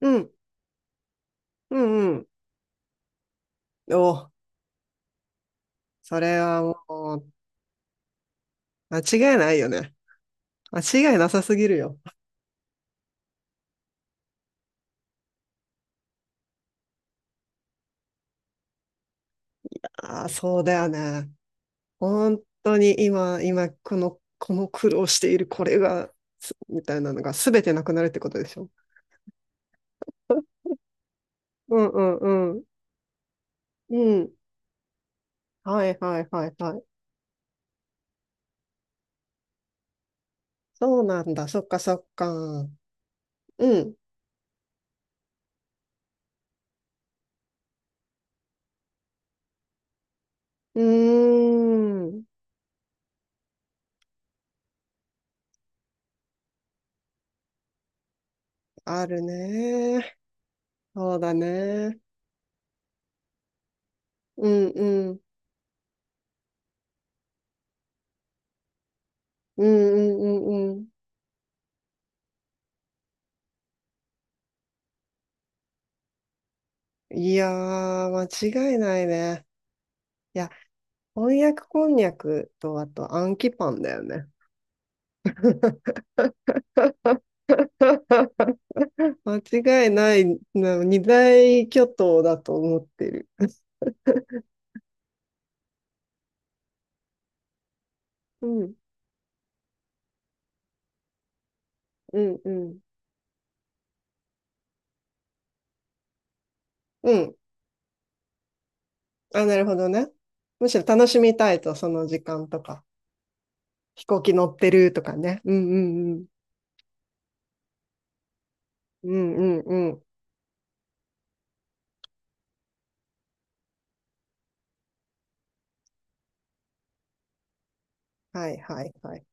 うん、うん、うん。お、それはもう、間違いないよね。間違いなさすぎるよ。ああ、そうだよね。本当に今、この苦労しているこれが、すみたいなのが全てなくなるってことでしょ。うんうんうん。うん。はいはいはいはい。そうなんだ。そっかそっか。うん。うーん。あるね。そうだね。うんうん。うんうんうんうん。いやー、間違いないね。いや、翻訳こんにゃくと、あと、アンキパンだよね。間違いない、な二大巨頭だと思ってる。うん、うん、うん。うん。あ、なるほどね。むしろ楽しみたいと、その時間とか。飛行機乗ってるとかね。うん、うん、うん。うん、うん、うん。はい、はい、はい。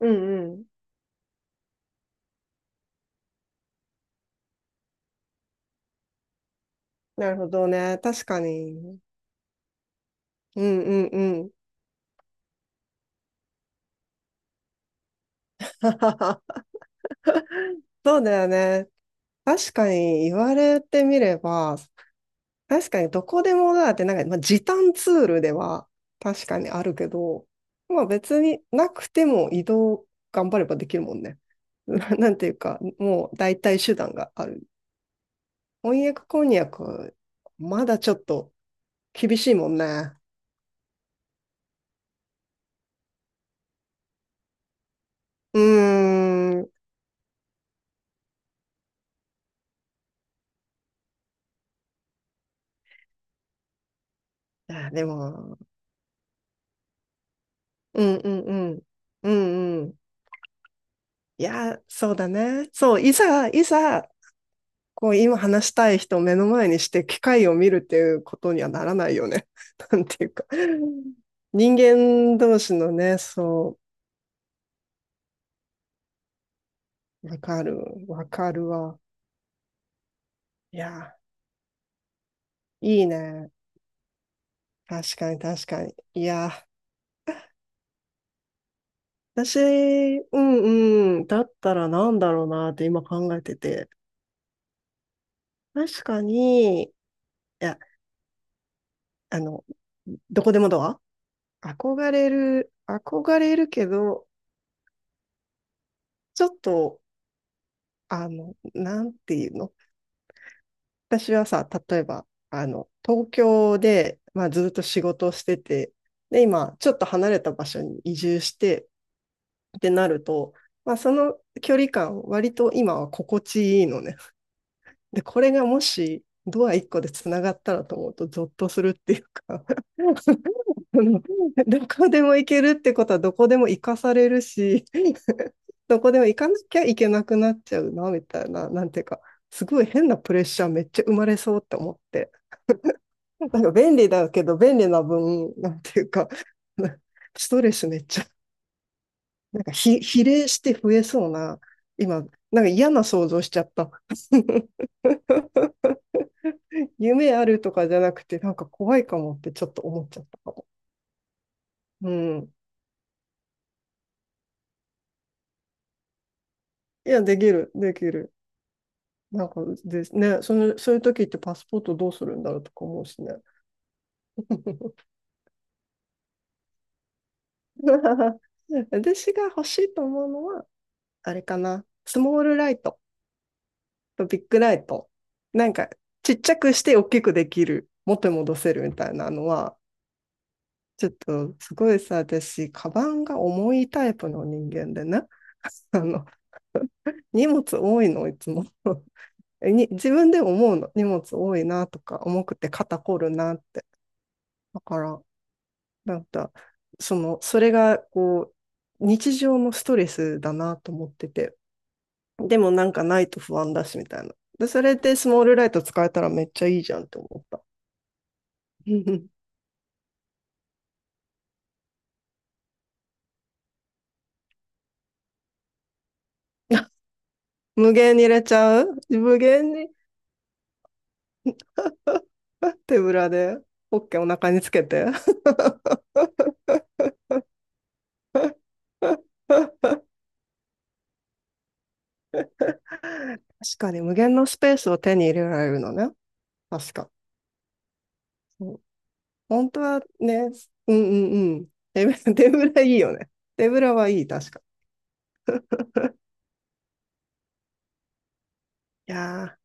うん、うん。なるほどね。確かに。うん、うん、うん。そうだよね。確かに言われてみれば、確かにどこでもだってなんか、まあ、時短ツールでは確かにあるけど、まあ別になくても移動頑張ればできるもんね。なんていうか、もう代替手段がある。翻訳こんにゃく、まだちょっと厳しいもんね。うーん。いや、でも、うんうんうん。うんうん。いや、そうだね。そう、いざ、いざ、こう今話したい人を目の前にして機械を見るっていうことにはならないよね。なんていうか。人間同士のね、そう、わかるわ。いや、いいね。確かに確かに。いや、私、うんうん、だったらなんだろうなって今考えてて。確かに、いや、あの、どこでもドア憧れるけど、ちょっと、あの、なんていうの私はさ、例えば、あの、東京で、まあ、ずっと仕事をしてて、で、今、ちょっと離れた場所に移住してってなると、まあ、その距離感、割と今は心地いいのね。で、これがもし、ドア1個でつながったらと思うと、ゾッとするっていうか。 どこでも行けるってことは、どこでも行かされるし。 どこでも行かなきゃいけなくなっちゃうな、みたいな、なんていうか、すごい変なプレッシャーめっちゃ生まれそうって思って。なんか便利だけど、便利な分、なんていうか、ストレスめっちゃ、なんか比例して増えそうな、今、なんか嫌な想像しちゃった。夢あるとかじゃなくて、なんか怖いかもってちょっと思っちゃったかも。うん。いや、できる。なんかですね、その、そういう時ってパスポートどうするんだろうとか思うしね。私が欲しいと思うのは、あれかな、スモールライト。とビッグライト。なんか、ちっちゃくして大きくできる、元に戻せるみたいなのは、ちょっとすごいさ、私、カバンが重いタイプの人間でね、あの、荷物多いの、いつも。に自分で思うの、荷物多いなとか、重くて肩こるなって。だから、なんか、その、それが、こう、日常のストレスだなと思ってて、でもなんかないと不安だし、みたいな。で、それでスモールライト使えたらめっちゃいいじゃんって思った。うん。 無限に入れちゃう無限に手ぶらでポッケお腹につけて。 確かに無限のスペースを手に入れられるのね。確か。そう本当はね、うんうんうん。手ぶら、手ぶらいいよね。手ぶらはいい、確か。いや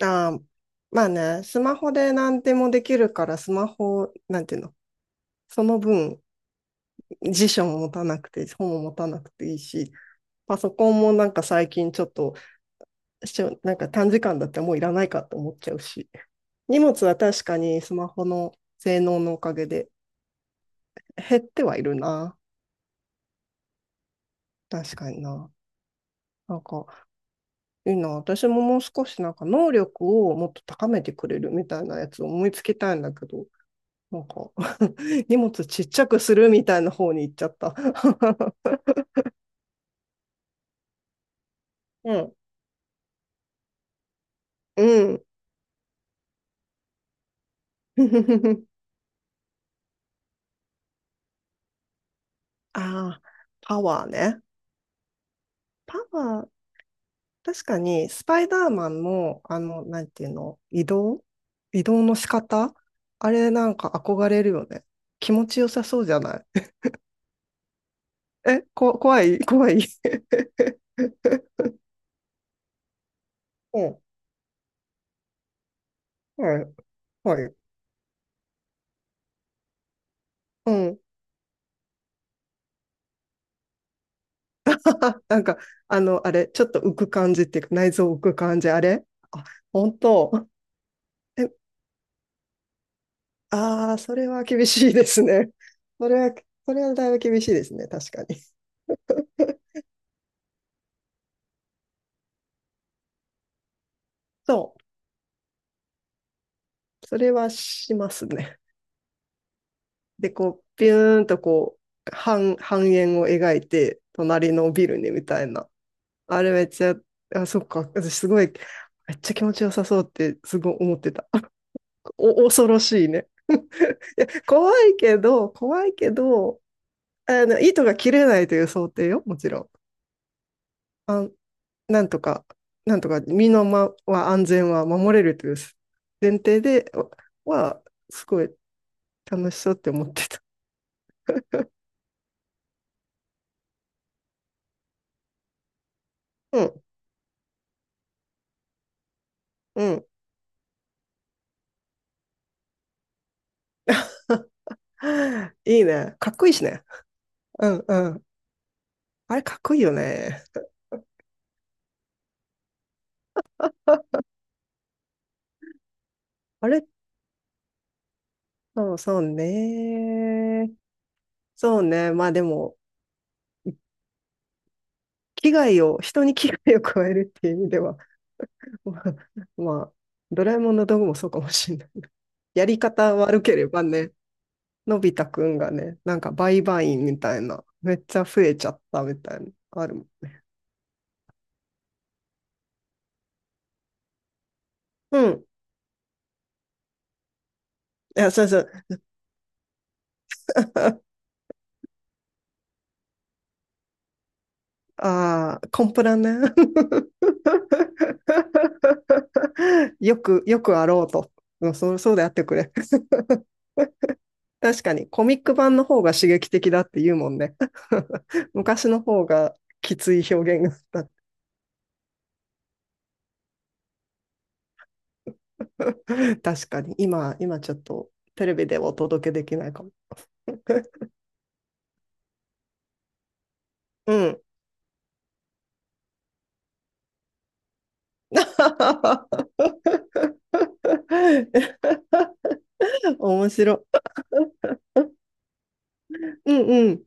ー、あー、まあね、スマホで何でもできるから、スマホ、なんていうの、その分、辞書も持たなくて、本も持たなくていいし、パソコンもなんか最近ちょっとしょなんか短時間だったらもういらないかって思っちゃうし。荷物は確かにスマホの性能のおかげで減ってはいるな。確かにな。なんかいいな。私ももう少しなんか能力をもっと高めてくれるみたいなやつを思いつきたいんだけど、なんか。 荷物ちっちゃくするみたいな方に行っちゃった。うん。うん。ああ、パワーね。パワー確かに、スパイダーマンも、あの、なんていうの、移動の仕方あれなんか憧れるよね。気持ちよさそうじゃない？え、こ、怖い怖い。 うん、はい、はい。うん。なんか、あの、あれ、ちょっと浮く感じっていうか、内臓浮く感じ、あれあ、本当。え、ああ、それは厳しいですね。それは、それはだいぶ厳しいですね、確かに。そう、それはしますね。で、こう、ビューンとこう、半円を描いて、隣のビルにみたいな。あれめっちゃ、あ、そっか、私すごい、めっちゃ気持ちよさそうって、すごい思ってた。お、恐ろしいね。いや、怖いけど、あの、糸が切れないという想定よ、もちろん。あ、なんとか、なんとか、身のまは安全は守れるという前提では、すごい楽しそうって思ってた。うん、うん。いいね。かっこいいしね。うんうん。あれかっこいいよね。あれ、そうそうね。そうね。まあでも、危害を、人に危害を加えるっていう意味では、ままあドラえもんの道具もそうかもしれない。やり方悪ければね、のび太くんがね、なんか売買員みたいな、めっちゃ増えちゃったみたいな、あるもん。うん。いや、そうそう。Ah, c o m p r a r。 よくあろうと。うんそう、そうであってくれ。確かに、コミック版の方が刺激的だって言うもんね。昔の方がきつい表現があった。確かに、今ちょっとテレビでお届けできないかも。うん。面白い。うんうん。